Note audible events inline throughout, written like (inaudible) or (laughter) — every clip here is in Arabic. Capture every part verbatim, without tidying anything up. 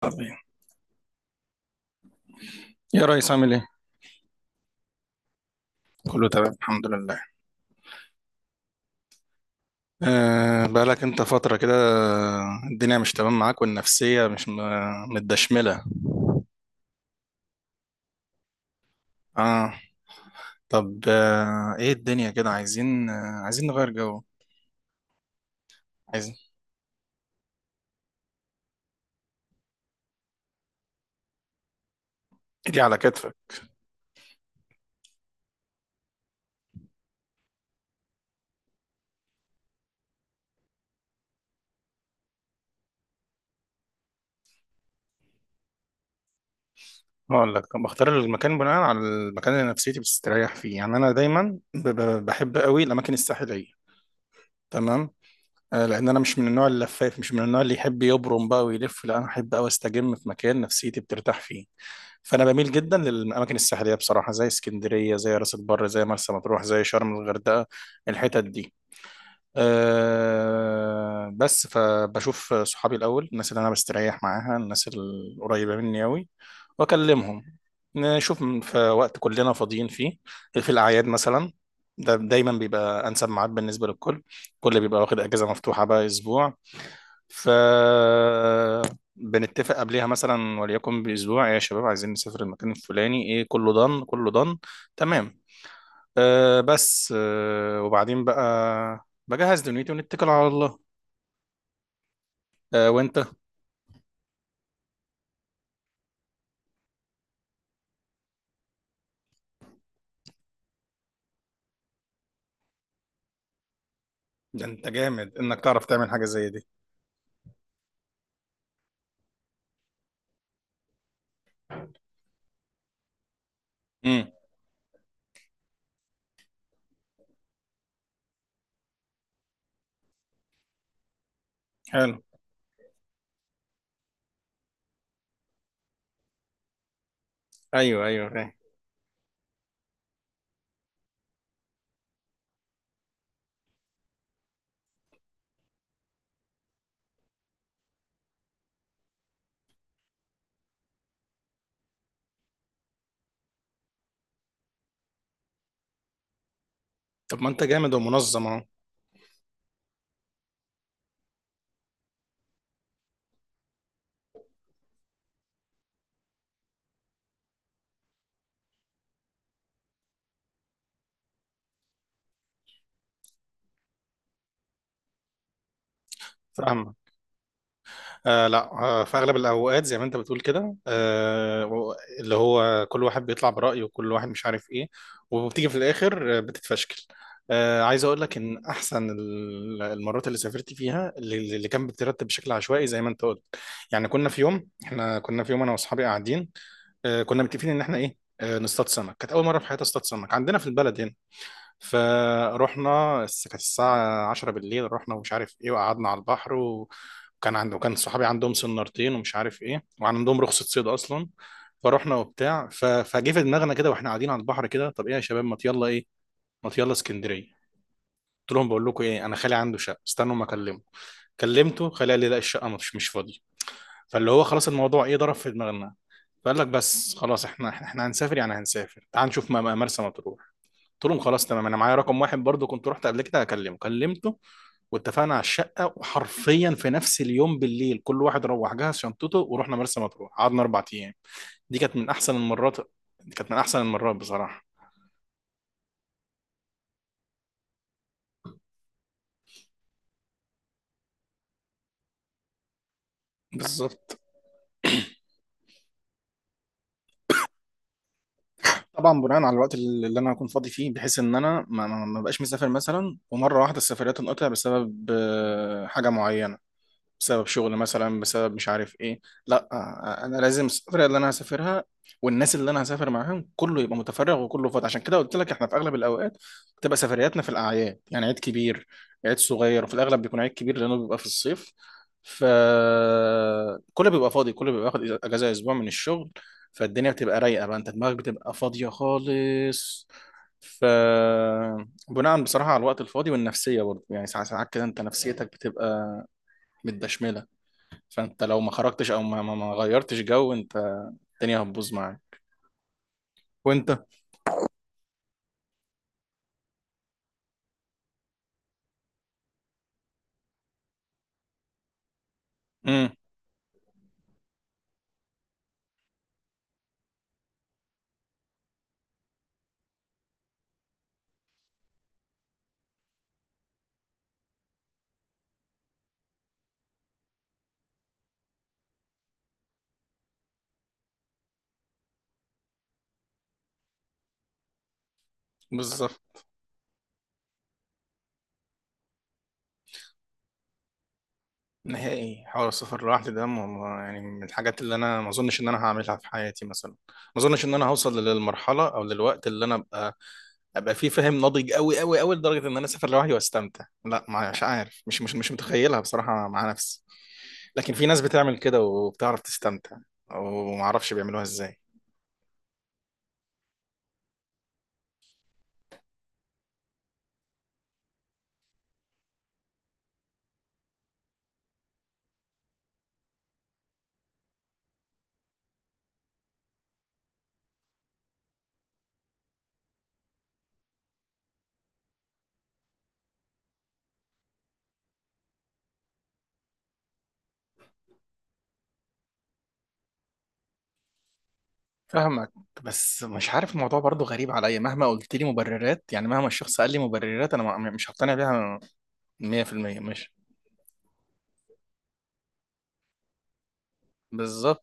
طبيعي. يا ريس عامل ايه؟ كله تمام الحمد لله. أه بقالك انت فترة كده الدنيا مش تمام معاك والنفسية مش م- متدشملة. اه طب آه ايه الدنيا كده عايزين آه عايزين نغير جو، عايزين ايدي على كتفك. هقول لك بختار المكان بناء على المكان اللي نفسيتي بتستريح فيه، يعني انا دايما ب- ب- بحب قوي الاماكن الساحلية، تمام. آه لان انا مش من النوع اللفاف، مش من النوع اللي يحب يبرم بقى ويلف، لا انا احب قوي استجم في مكان نفسيتي بترتاح فيه. فانا بميل جدا للاماكن الساحليه بصراحه، زي اسكندريه، زي راس البر، زي مرسى مطروح، زي شرم الغردقه، الحتت دي. أه بس فبشوف صحابي الاول، الناس اللي انا بستريح معاها، الناس القريبه مني قوي واكلمهم، نشوف م- في وقت كلنا فاضيين فيه، في الاعياد مثلا. ده دايما بيبقى انسب ميعاد بالنسبه للكل، كل بيبقى واخد اجازه مفتوحه بقى اسبوع. ف بنتفق قبلها مثلا وليكن باسبوع "إيه يا شباب عايزين نسافر المكان الفلاني ايه"، كله ضن كله ضن تمام. أه بس أه وبعدين بقى بجهز دنيتي ونتكل على الله. أه وانت؟ ده انت جامد انك تعرف تعمل حاجه زي دي. امم، حلو، ايوه ايوه فاهم. طب ما انت جامد ومنظم اهو. فاهمك، آه لا آه في اغلب الاوقات زي ما انت بتقول كده، آه و- اللي هو كل واحد بيطلع برايه وكل واحد مش عارف ايه، وبتيجي في الاخر آه، بتتفشكل. آه عايز اقول لك ان احسن ال- المرات اللي سافرت فيها اللي اللي كان بترتب بشكل عشوائي زي ما انت قلت. يعني كنا في يوم، احنا كنا في يوم انا واصحابي قاعدين، آه كنا متفقين ان احنا ايه، آه نصطاد سمك، كانت اول مره في حياتي اصطاد سمك عندنا في البلد هنا. فروحنا الس- كانت الساعة عشرة بالليل، رحنا ومش عارف ايه وقعدنا على البحر، و وكان عنده كان صحابي عندهم سنارتين ومش عارف ايه وعندهم رخصة صيد اصلا. فروحنا وبتاع ف- فجه في دماغنا كده واحنا قاعدين على البحر كده، طب ايه يا شباب ما يلا ايه، ما يلا اسكندرية. قلت لهم بقول لكم ايه، انا خالي عنده شقة، استنوا ما اكلمه. كلمته خالي قال لي لا، الشقة مش مش فاضية. فاللي هو خلاص الموضوع ايه ضرب في دماغنا. فقال لك بس خلاص احنا احنا هنسافر يعني هنسافر، تعال نشوف م- مرسى مطروح. قلت لهم خلاص تمام، انا معايا رقم واحد برضو كنت رحت قبل كده هكلمه، كلمته واتفقنا على الشقه، وحرفيا في نفس اليوم بالليل كل واحد روح جهز شنطته ورحنا مرسى مطروح قعدنا اربع ايام. دي كانت من احسن المرات، دي كانت من احسن المرات بصراحه. بالظبط. طبعا بناء على الوقت اللي اللي انا هكون فاضي فيه، بحيث ان انا ما, ما ما بقاش مسافر مثلا ومره واحده السفرية تنقطع بسبب آه، حاجه معينه، بسبب شغل مثلا، بسبب مش عارف ايه. لا آه، آه، انا لازم السفرية اللي انا هسافرها والناس اللي انا هسافر معاهم كله يبقى متفرغ وكله فاضي. عشان كده قلت لك احنا في اغلب الاوقات بتبقى سفرياتنا في الاعياد، يعني عيد كبير عيد صغير، وفي الاغلب بيكون عيد كبير لانه بيبقى في الصيف. فكله بيبقى فاضي، كله بيبقى واخد اجازة اسبوع من الشغل، فالدنيا بتبقى رايقة بقى، انت دماغك بتبقى فاضية خالص. ف بناء بصراحة على الوقت الفاضي والنفسية برضه، يعني ساعات ساعات كده انت نفسيتك بتبقى متدشملة. فانت لو ما خرجتش او ما ما ما غيرتش جو، انت الدنيا هتبوظ معاك. وانت. امم، بالظبط. نهائي حوار السفر لوحدي ده م- م- يعني من الحاجات اللي انا ما اظنش ان انا هعملها في حياتي مثلا، ما اظنش ان انا هوصل للمرحله او للوقت اللي انا ابقى ابقى فيه فاهم ناضج قوي قوي قوي لدرجه ان انا اسافر لوحدي واستمتع. لا ما- مش عارف، مش مش مش متخيلها بصراحه مع نفسي. لكن في ناس بتعمل كده وبتعرف تستمتع، وما اعرفش بيعملوها ازاي. فاهمك، بس مش عارف الموضوع برضو غريب عليا، مهما قلت لي مبررات، يعني مهما الشخص قال لي مبررات انا ما- مش هقتنع بيها مية في المية. مش بالظبط،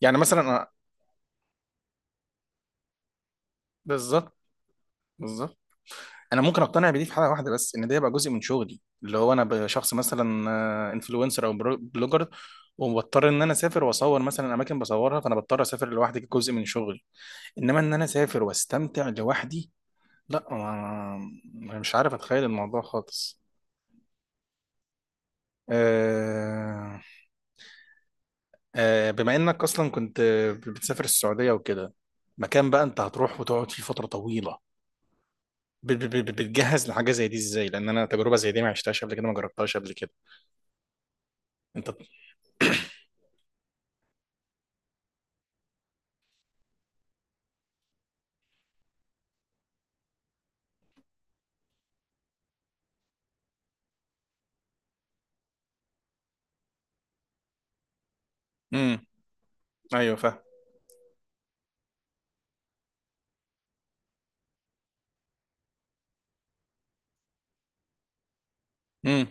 يعني مثلا أنا- بالظبط بالظبط. انا ممكن اقتنع بدي في حاله واحده بس، ان ده يبقى جزء من شغلي، اللي هو انا ب- شخص مثلا انفلونسر او برو- بلوجر، وبضطر ان انا اسافر واصور مثلا اماكن بصورها، فانا بضطر اسافر لوحدي كجزء من شغلي. انما ان انا اسافر واستمتع لوحدي، لا ما- ما- مش عارف اتخيل الموضوع خالص. أه، آه، بما انك اصلا كنت آه، بتسافر السعودية وكده، مكان بقى انت هتروح وتقعد فيه فترة طويلة، ب- ب- ب- بتجهز لحاجة زي دي ازاي؟ لان انا تجربة زي دي ما عشتهاش قبل كده، ما جربتهاش قبل كده. انت. امم. (clears throat) ايوه فاهم. امم.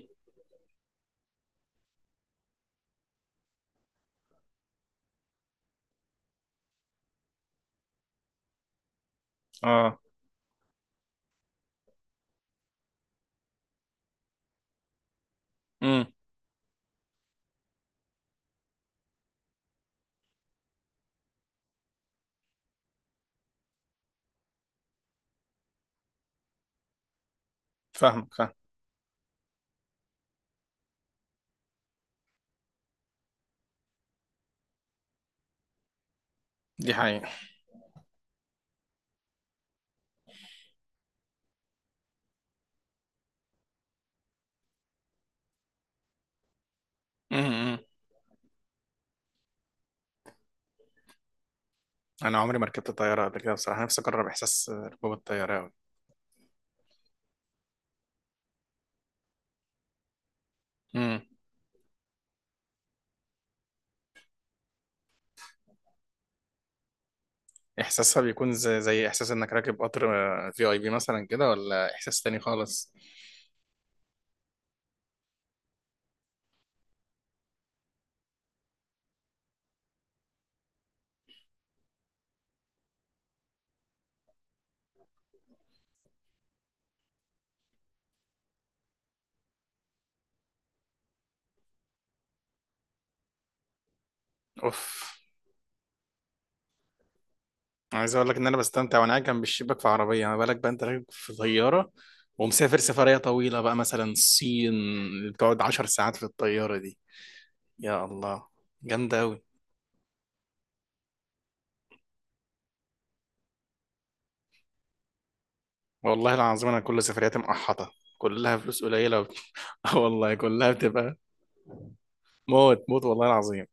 اه. امم. فاهمك فاهم. دي حقيقة. امم. انا عمري ما ركبت طيارة قبل كده بصراحة، نفسي اجرب احساس آه، ركوب الطيارة أوي. امم. احساسها بيكون زي, زي احساس انك راكب قطر في اي بي مثلا كده، ولا احساس تاني خالص؟ اوف. عايز اقول لك ان انا بستمتع وانا قاعد جنب الشباك في عربيه، ما بالك بقى انت راكب في طياره ومسافر سفريه طويله بقى مثلا الصين اللي بتقعد عشر ساعات في الطياره دي. يا الله، جامده قوي. والله العظيم انا كل سفرياتي مقحطه، كلها فلوس قليله وب- (laughs) آه والله كلها بتبقى موت موت، والله العظيم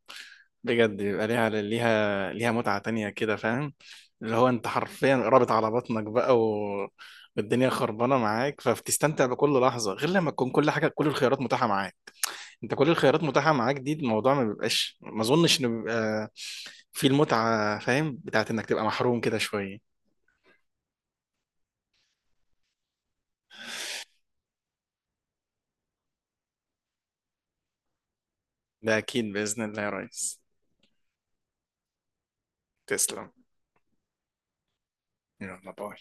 بجد بيبقى ليها ليها ليها متعه تانية كده فاهم، اللي هو انت حرفيا رابط على بطنك بقى و والدنيا خربانه معاك، فبتستمتع بكل لحظه غير لما تكون كل حاجه كل الخيارات متاحه معاك. انت كل الخيارات متاحة معاك دي، الموضوع ما بيبقاش، ما اظنش انه بيبقى في المتعة فاهم، بتاعت انك تبقى محروم كده شوية. ده اكيد بإذن الله يا ريس. تسلم. يلا باي.